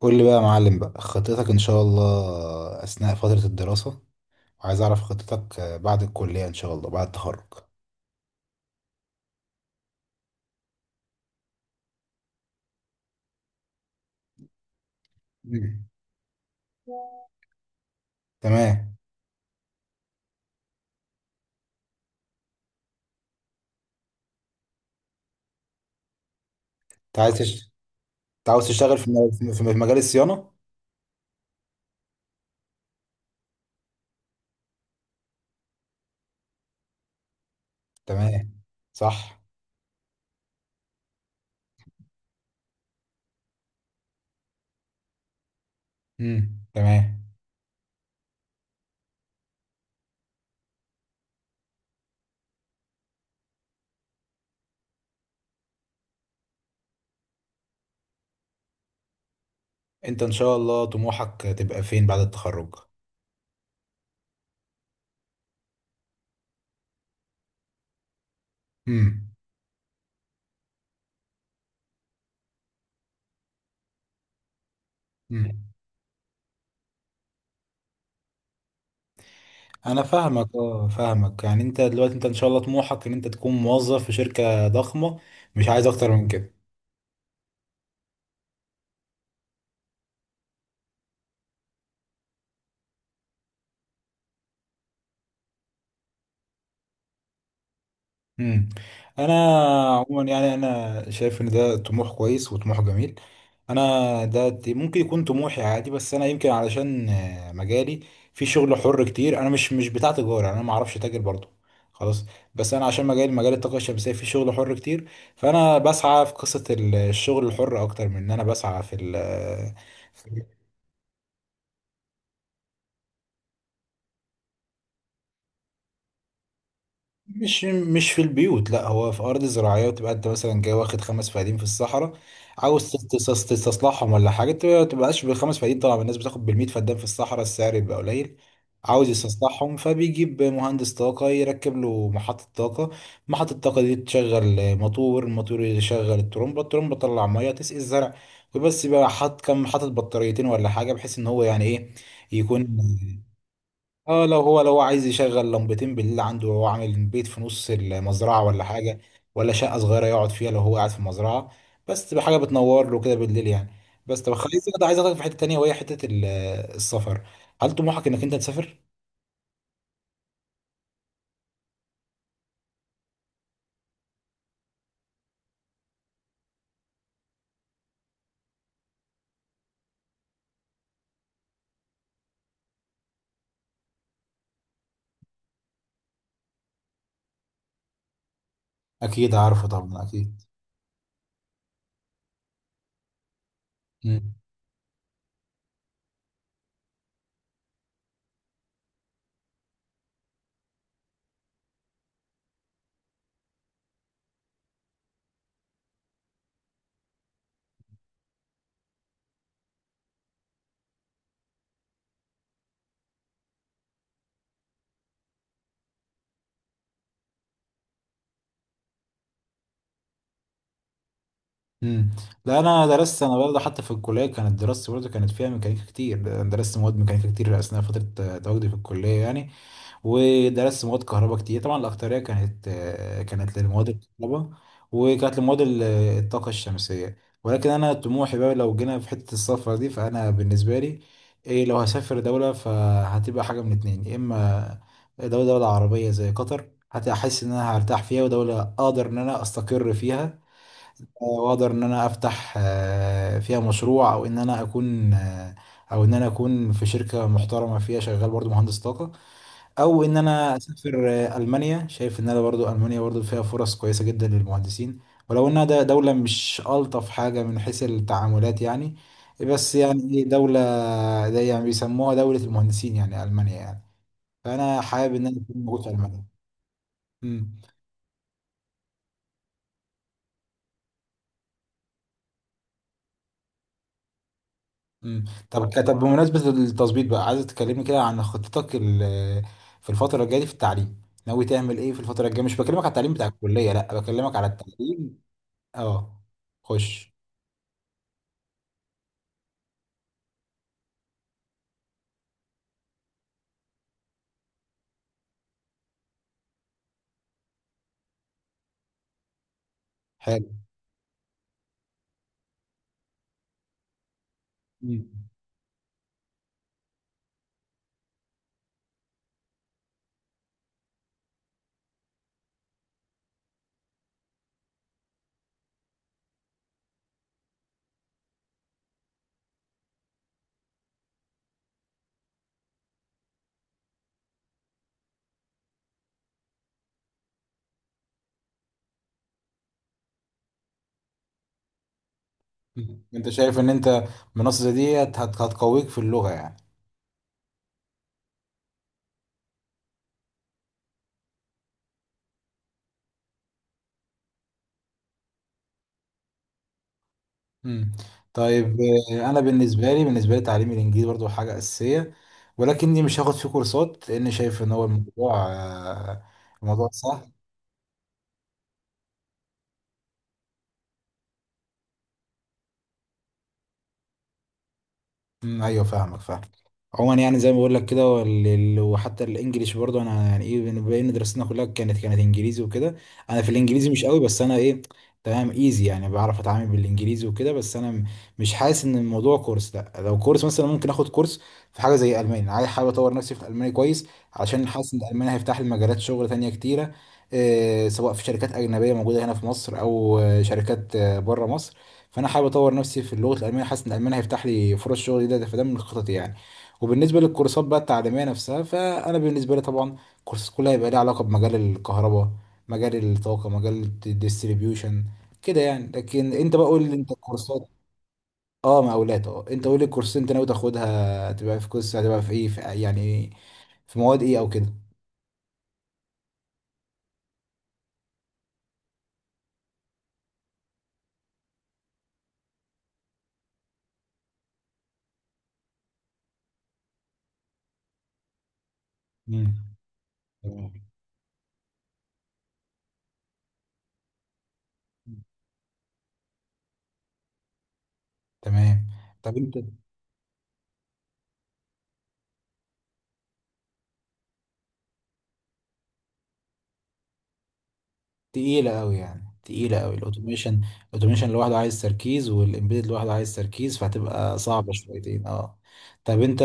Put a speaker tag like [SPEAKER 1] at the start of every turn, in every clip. [SPEAKER 1] قول لي بقى يا معلم بقى خطتك ان شاء الله اثناء فترة الدراسة، وعايز اعرف خطتك بعد الكلية ان شاء الله بعد التخرج. مم. تمام. انت عايز تشت... انت عاوز تشتغل في في مجال الصيانة؟ تمام. صح. تمام. انت ان شاء الله طموحك تبقى فين بعد التخرج؟ امم. امم. انا فاهمك، اه فاهمك، يعني انت دلوقتي انت ان شاء الله طموحك ان انت تكون موظف في شركة ضخمة؟ مش عايز اكتر من كده؟ مم. انا عموما يعني انا شايف ان ده طموح كويس وطموح جميل. ممكن يكون طموحي عادي، بس انا يمكن علشان مجالي في شغل حر كتير، انا مش بتاع تجاره، انا ما اعرفش تاجر برضو، خلاص. بس انا عشان مجالي مجال الطاقه الشمسيه في شغل حر كتير، فانا بسعى في قصه الشغل الحر اكتر من ان انا بسعى في ال- مش في البيوت، لا هو في ارض زراعيه، تبقى انت مثلا جاي واخد 5 فدان في الصحراء، عاوز تستصلحهم ولا حاجه، تبقاش بالخمس فدان، طبعا الناس بتاخد بالمية فدان في الصحراء السعر بيبقى قليل. عاوز يستصلحهم، فبيجيب مهندس طاقه يركب له محطه طاقه، محطه الطاقه دي تشغل موتور، الموتور يشغل الترمبه، الترمبه تطلع ميه تسقي الزرع. وبس بقى حاطط بطاريتين ولا حاجه، بحيث ان هو يعني ايه يكون. مم. اه، لو هو لو هو عايز يشغل لمبتين بالليل عنده، وهو عامل بيت في نص المزرعة ولا حاجة، ولا شقة صغيرة يقعد فيها لو هو قاعد في المزرعة، بس تبقى حاجة بتنور له كده بالليل يعني. بس طب خليك كده، عايز اخدك في حتة تانية وهي حتة السفر. هل طموحك انك انت تسافر؟ اكيد عارفه طبعا، اكيد. امم. امم. لا، انا درست، انا برضه حتى في الكليه كانت دراستي برضه كانت فيها ميكانيكا كتير، درست مواد ميكانيكا كتير اثناء فتره تواجدي في الكليه يعني. ودرست مواد كهرباء كتير، طبعا الأكترية كانت، كانت لمواد الكهرباء، وكانت لمواد الطاقة الشمسية. ولكن أنا طموحي بقى، لو جينا في حتة السفر دي فأنا بالنسبة لي إيه، لو هسافر دولة فهتبقى حاجة من اتنين، يا إما دولة عربية زي قطر هتحس إن أنا هرتاح فيها ودولة أقدر إن أنا أستقر فيها، وأقدر إن أنا أفتح فيها مشروع، أو إن أنا أكون في شركة محترمة فيها شغال برضو مهندس طاقة، او ان انا اسافر المانيا. شايف ان انا برضو المانيا برضو فيها فرص كويسه جدا للمهندسين، ولو انها ده دوله مش الطف حاجه من حيث التعاملات يعني، بس يعني إيه دوله زي، يعني بيسموها دوله المهندسين يعني، المانيا يعني، فانا حابب ان انا اكون موجود في المانيا. امم. طب بمناسبه التظبيط بقى، عايز تكلمني كده عن خطتك في الفتره الجايه دي في التعليم؟ ناوي تعمل ايه في الفتره الجايه؟ مش بكلمك على التعليم بتاع الكليه، لا بكلمك على التعليم. اه، خش. حلو. مم. انت شايف ان انت منصة زي ديت هتقويك في اللغة يعني؟ مم. طيب. انا بالنسبة لي، تعليم الانجليزي برضو حاجة اساسية، ولكني مش هاخد فيه كورسات لان شايف ان هو الموضوع، الموضوع سهل. مم، ايوه فاهمك فاهم. عموما يعني زي ما بقول لك كده، وال- ال- وحتى الانجليش برضه، انا يعني ايه بين دراستنا كلها كانت انجليزي وكده، انا في الانجليزي مش قوي، بس انا ايه، تمام، ايزي يعني، بعرف اتعامل بالانجليزي وكده، بس انا مش حاسس ان الموضوع كورس. لا، لو كورس مثلا ممكن اخد كورس في حاجه زي الماني، انا عايز حابب اطور نفسي في الالماني كويس، عشان حاسس ان الالماني هيفتح لي مجالات شغل تانية كتيره، إيه سواء في شركات اجنبيه موجوده هنا في مصر او شركات بره مصر. فانا حابب اطور نفسي في اللغه الالمانيه، حاسس ان الالماني هيفتح لي فرص شغل جديده، فده من خططي يعني. وبالنسبه للكورسات بقى التعليميه نفسها، فانا بالنسبه لي طبعا الكورسات كلها هيبقى ليها علاقه بمجال الكهرباء، مجال الطاقه، مجال الديستريبيوشن كده يعني. لكن انت بقى قول لي انت الكورسات، اه مقاولات، اه انت قول لي الكورسات انت ناوي تاخدها تبقى في كورس، هتبقى في ايه في يعني، في مواد ايه او كده؟ امم تمام، تمام. طب انت، تقيلة أوي يعني، تقيلة أوي الأوتوميشن، الأوتوميشن لوحده عايز تركيز والإمبيدد لوحده عايز تركيز، فهتبقى صعبة شويتين أه. طب أنت،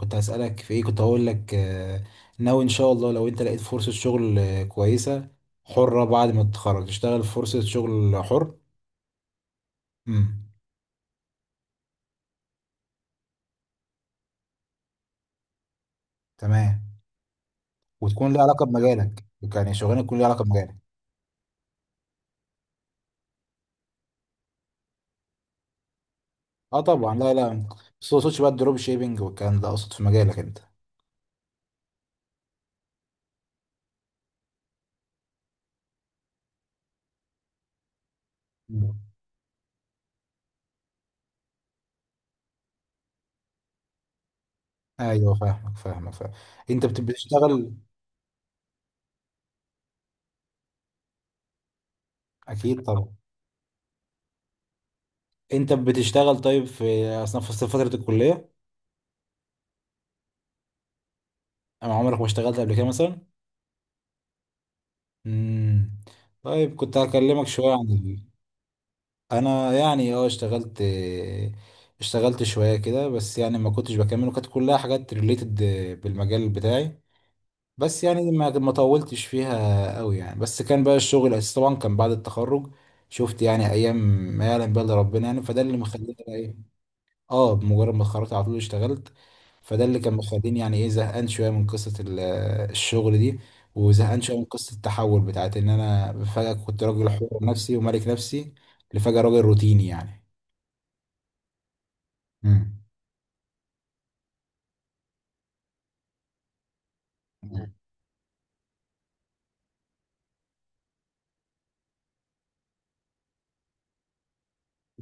[SPEAKER 1] كنت هسألك في إيه، كنت هقول لك ناوي إن شاء الله لو أنت لقيت فرصة شغل كويسة، حرة، بعد ما تتخرج تشتغل في فرصة شغل حر؟ امم. تمام. وتكون ليها علاقة بمجالك، يعني شغلانة تكون ليها علاقة بمجالك. أه طبعا، لا لا، بس ما اقصدش بقى الدروب شيبينج والكلام ده، أقصد في مجالك أنت. مم. ايوه فاهمك فاهمك فاهم. انت بتشتغل؟ اكيد طبعا. انت بتشتغل طيب في اثناء فتره الكليه؟ انا عمرك ما اشتغلت قبل كده مثلا؟ امم. طيب كنت هكلمك شويه عن انا يعني اه، اشتغلت، اشتغلت شويه كده، بس يعني ما كنتش بكمل، وكانت كلها حاجات ريليتد بالمجال بتاعي، بس يعني ما طولتش فيها قوي يعني، بس كان بقى الشغل الاساسي طبعا كان بعد التخرج. شفت يعني ايام ما يعلم بقى إلا ربنا يعني، فده اللي مخليني بقى ايه. اه، بمجرد ما اتخرجت على طول اشتغلت، فده اللي كان مخليني يعني ايه زهقان شويه من قصه الشغل دي، وزهقان شويه من قصه التحول بتاعت ان انا فجاه كنت راجل حر نفسي وملك نفسي لفجاه راجل روتيني يعني. مم. مم.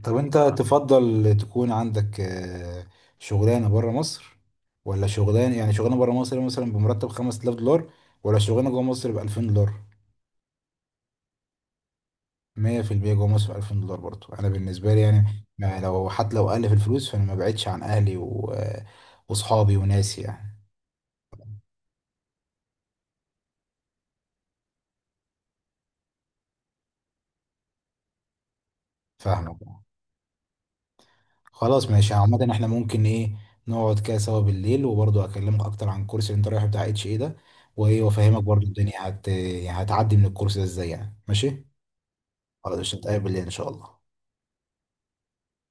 [SPEAKER 1] طب انت تفضل تكون عندك شغلانه بره مصر، ولا شغلانه، يعني شغلانه بره مصر مثلا بمرتب 5000 دولار، ولا شغلانه جوه مصر ب 2000 دولار؟ 100% جوه مصر، 2000 دولار برضو، أنا بالنسبة لي يعني، ما لو حتى لو أقل في الفلوس فأنا ما بعدش عن أهلي و... وصحابي وناسي يعني. فاهمك. خلاص ماشي، عامة احنا ممكن إيه نقعد كده سوا بالليل، وبرضو أكلمك أكتر عن الكورس اللي أنت رايحه بتاع اتش إيه ده، وإيه وأفهمك برضو الدنيا يعني هتعدي من الكورس ده إزاي يعني، ماشي. خلاص مش هنتقابل بالليل إن شاء الله.